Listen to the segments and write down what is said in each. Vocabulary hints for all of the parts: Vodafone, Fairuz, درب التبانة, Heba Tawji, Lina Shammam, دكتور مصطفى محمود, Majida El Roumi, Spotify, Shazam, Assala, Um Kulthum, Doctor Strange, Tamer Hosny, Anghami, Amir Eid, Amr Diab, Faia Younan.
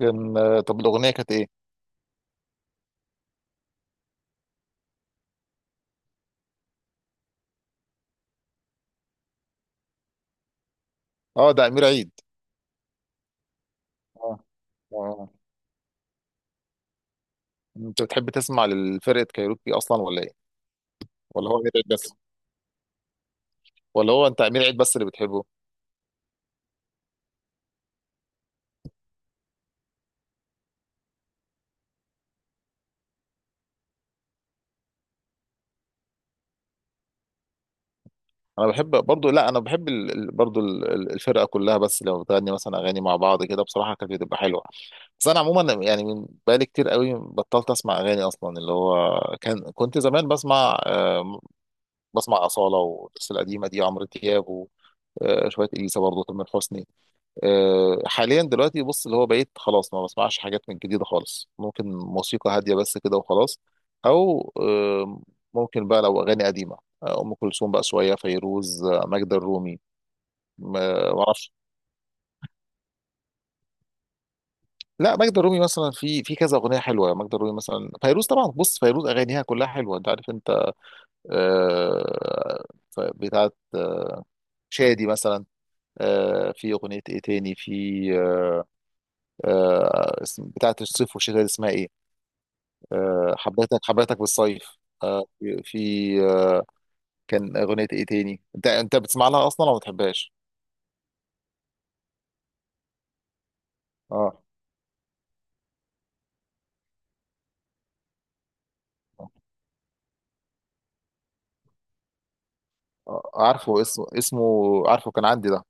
كان طب الاغنيه كانت ايه؟ اه، ده امير عيد. اه. اه. انت بتحب تسمع للفرقه كايروكي اصلا ولا ايه؟ ولا هو امير عيد بس؟ ولا انت امير عيد بس اللي بتحبه؟ انا بحب برضو، لا انا بحب برضو الفرقه كلها، بس لو بتغني مثلا اغاني مع بعض كده بصراحه كانت بتبقى حلوه. بس انا عموما يعني من بقالي كتير قوي بطلت اسمع اغاني اصلا اللي هو كنت زمان بسمع بسمع اصاله والناس القديمه دي عمرو دياب و... شويه اليسا برضه تامر حسني. حاليا دلوقتي بص اللي هو بقيت خلاص ما بسمعش حاجات من جديدة خالص، ممكن موسيقى هادية بس كده وخلاص، أو ممكن بقى لو أغاني قديمة أم كلثوم، بقى شوية فيروز، ماجدة الرومي. ما أعرفش. لا، ماجدة الرومي مثلا في كذا أغنية حلوة. ماجدة الرومي مثلا، فيروز طبعا، بص فيروز أغانيها كلها حلوة أنت عارف أنت. آه، بتاعت شادي مثلا. في أغنية إيه تاني؟ في آه، بتاعت الصيف والشتاء دي اسمها إيه؟ حبيتك حبيتك بالصيف. آه، في في، آه، كان اغنيه ايه تاني؟ انت بتسمع لها اصلا ولا ما بتحبهاش؟ اه. عارفه اسمه، عارفه كان عندي ده.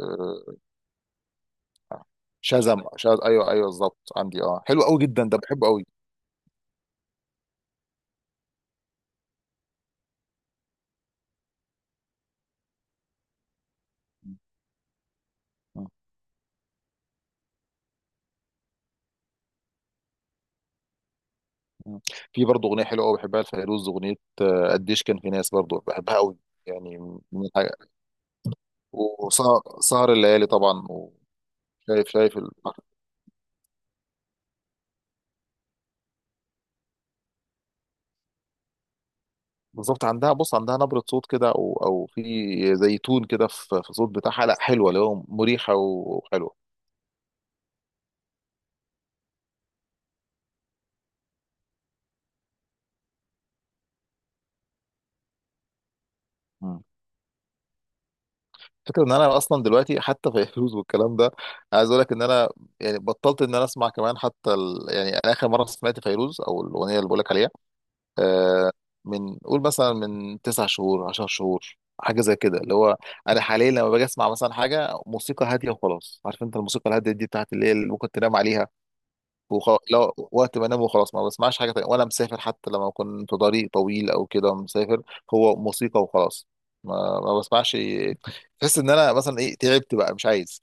آه، شازم ايوه، ايوه بالظبط، عندي اه، حلو قوي جدا ده، بحبه قوي. مم. مم. في برضه اغنيه حلوه قوي بحبها لفيروز، اغنيه قديش، كان في ناس برضه بحبها قوي يعني. من الحاجة، وسهر سهر الليالي طبعا. وشايف شايف ال- بالظبط، عندها بص، عندها نبرة صوت كده، او في زي تون كده في الصوت بتاعها، لا حلوة اللي هو مريحة وحلوة. مم. فكرة ان انا اصلا دلوقتي حتى فيروز والكلام ده، عايز اقول لك ان انا يعني بطلت ان انا اسمع، كمان حتى يعني انا اخر مرة سمعت فيروز او الاغنية اللي بقول لك عليها آه من قول مثلا من 9 شهور، 10 شهور، حاجة زي كده، اللي هو انا حاليا لما باجي اسمع مثلا حاجة موسيقى هادية وخلاص. عارف انت الموسيقى الهادية دي بتاعت اللي هي اللي ممكن تنام عليها، وخلاص لو وقت ما انام وخلاص ما بسمعش حاجه تانية. وانا مسافر حتى لما اكون في طريق طويل او كده مسافر، هو موسيقى وخلاص، ما بسمعش. تحس ان انا مثلا ايه؟ تعبت بقى، مش عايز.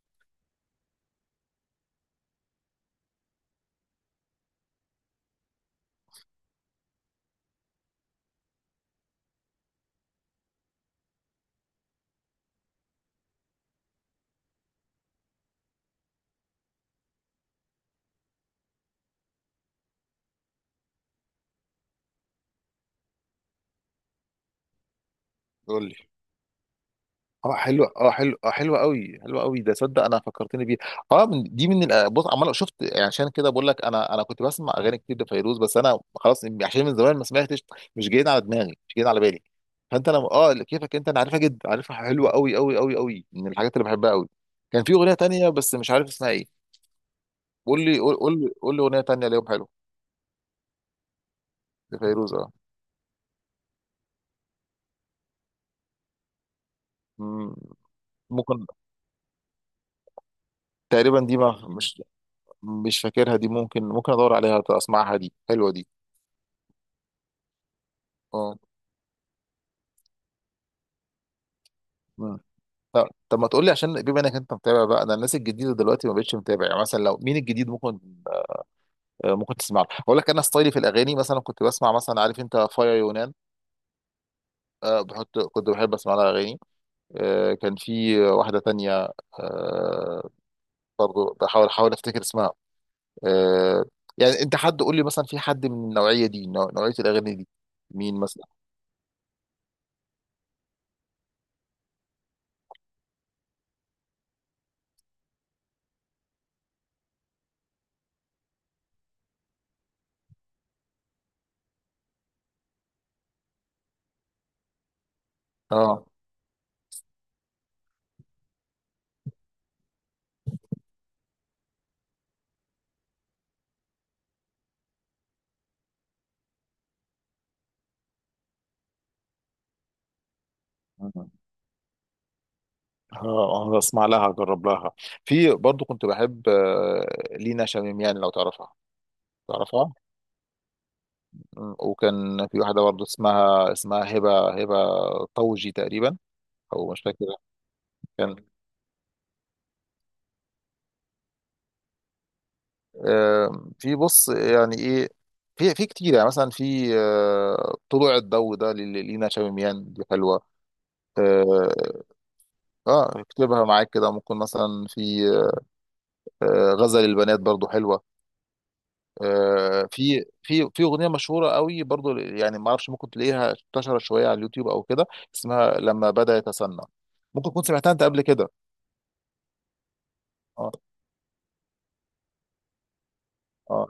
قول لي. اه حلو، اه حلو، اه حلو قوي، حلو قوي ده، صدق انا فكرتني بيه. اه من دي، بص عمال شفت؟ يعني عشان كده بقول لك انا كنت بسمع اغاني كتير لفيروز، بس انا خلاص عشان من زمان ما سمعتش، مش جايين على دماغي، مش جايين على بالي. فانت انا اه، كيفك انت انا عارفها جدا، عارفها حلوه قوي قوي قوي قوي، من الحاجات اللي بحبها قوي. كان في اغنيه تانية بس مش عارف اسمها ايه. قول لي اغنيه تانية ليهم حلو. لفيروز اه. مم، ممكن. تقريبا دي ما مش، مش فاكرها دي، ممكن، ادور عليها اسمعها، دي حلوه دي. اه. طب ما تقول لي، عشان بما انك انت متابع بقى، انا الناس الجديده دلوقتي ما بقتش متابع، يعني مثلا لو مين الجديد ممكن؟ ممكن تسمع له، اقول لك انا ستايلي في الاغاني، مثلا كنت بسمع مثلا عارف انت فايا يونان. بحط، كنت بحب اسمع لها اغاني. كان في واحده تانية، آه، برضو احاول افتكر اسمها. آه، يعني انت حد، قول لي مثلا، في حد من النوعيه دي، نوعيه الاغاني دي؟ مين مثلا؟ اه. اه. اسمع لها، اجرب لها. في برضو كنت بحب لينا شميم، يعني لو تعرفها. تعرفها؟ مم. وكان في واحدة برضه اسمها هبة طوجي تقريبا، أو مش فاكر. كان في، بص يعني إيه؟ في كتير يعني، مثلا في طلوع الضوء ده لينا شاميميان دي حلوة. اه. اكتبها معاك كده، ممكن مثلا في غزل البنات برضو حلوة. في أغنية مشهورة قوي برضو، يعني ما اعرفش، ممكن تلاقيها انتشرت شوية على اليوتيوب او كده، اسمها لما بدأ يتسنى. ممكن تكون سمعتها انت قبل كده؟ آه. اه.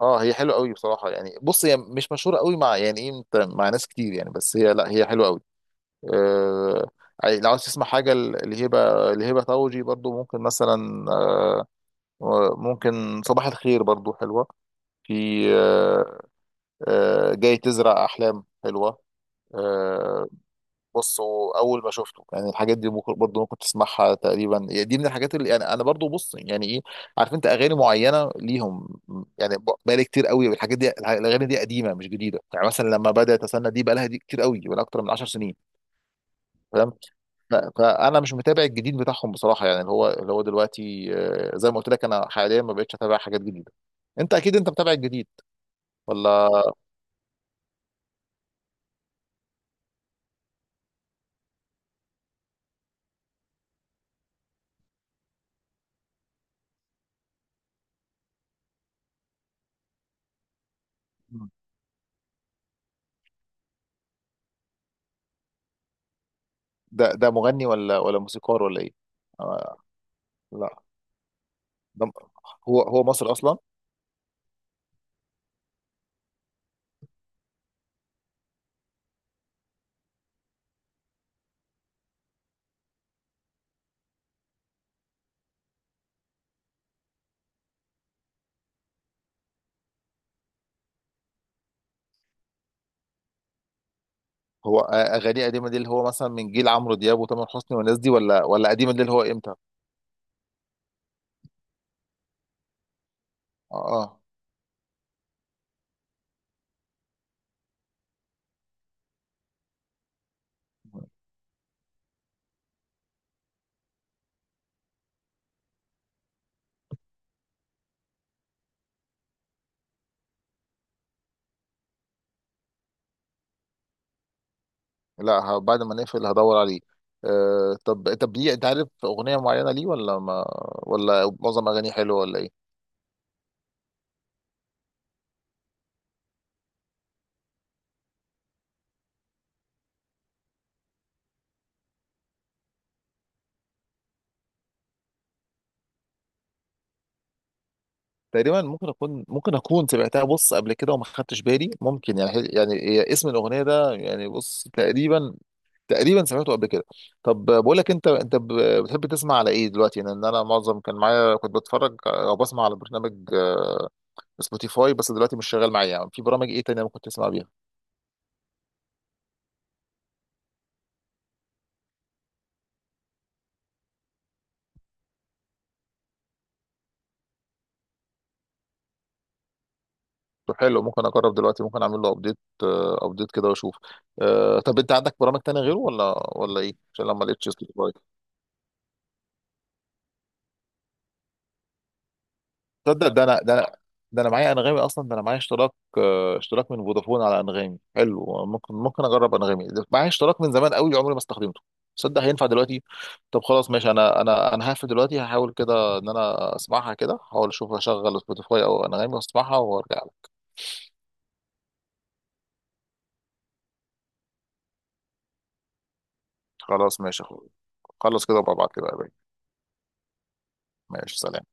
اه هي حلوه قوي بصراحه، يعني بص هي مش مشهوره قوي مع يعني ايه انت، مع ناس كتير يعني، بس هي لا، هي حلوه قوي. آه، يعني لو عاوز تسمع حاجه لهبه، لهبه طوجي برضو، ممكن مثلا آه، ممكن صباح الخير برضو حلوه. في آه، آه جاي تزرع احلام حلوه. آه، بص، هو اول ما شفته، يعني الحاجات دي ممكن برضه، ممكن تسمعها تقريبا، يعني دي من الحاجات اللي يعني انا برضه، بص يعني ايه، عارف انت اغاني معينه ليهم. يعني بقالي كتير قوي بالحاجات دي، الاغاني دي قديمه مش جديده، يعني مثلا لما بدات استنى دي، بقالها دي كتير قوي، بقالها اكتر من 10 سنين. فاهم؟ فانا مش متابع الجديد بتاعهم بصراحه، يعني اللي هو دلوقتي زي ما قلت لك انا حاليا ما بقتش اتابع حاجات جديده. انت اكيد انت متابع الجديد، ولا؟ ده مغني ولا موسيقار ولا ايه؟ آه، لا، ده، هو مصري اصلا؟ هو اغانيه قديمه دي اللي هو مثلا من جيل عمرو دياب وتامر حسني والناس دي، ولا قديمه دي اللي هو امتى؟ اه. آه. لا، بعد ما نقفل هدور عليه. آه، طب ليه؟ انت عارف اغنيه معينه ليه، ولا ما، ولا معظم اغانيه حلوه ولا ايه؟ تقريبا، ممكن اكون سمعتها، بص قبل كده وما خدتش بالي، ممكن يعني، هي اسم الاغنيه ده يعني، بص تقريبا، تقريبا سمعته قبل كده. طب بقول لك، بتحب تسمع على ايه دلوقتي؟ لان انا معظم كان معايا كنت بتفرج او بسمع على برنامج سبوتيفاي، بس دلوقتي مش شغال معايا. يعني في برامج ايه تانية ممكن تسمع بيها؟ طب حلو، ممكن اجرب دلوقتي، ممكن اعمل له ابديت، ابديت كده واشوف. طب انت عندك برامج تانية غيره، ولا ايه؟ عشان لما لقيتش سبوتيفاي. تصدق، ده انا، ده انا معايا انغامي اصلا، ده انا معايا اشتراك اشتراك من فودافون على انغامي. حلو، ممكن اجرب انغامي، ده معايا اشتراك من زمان قوي عمري ما استخدمته. تصدق هينفع دلوقتي؟ طب خلاص ماشي، انا هقفل دلوقتي، هحاول كده ان انا اسمعها كده، هحاول اشوف اشغل سبوتيفاي او انغامي واسمعها وارجع لك. خلاص ماشي يا أخويا. خلص كده وببعت كده يا باشا. ماشي، سلام.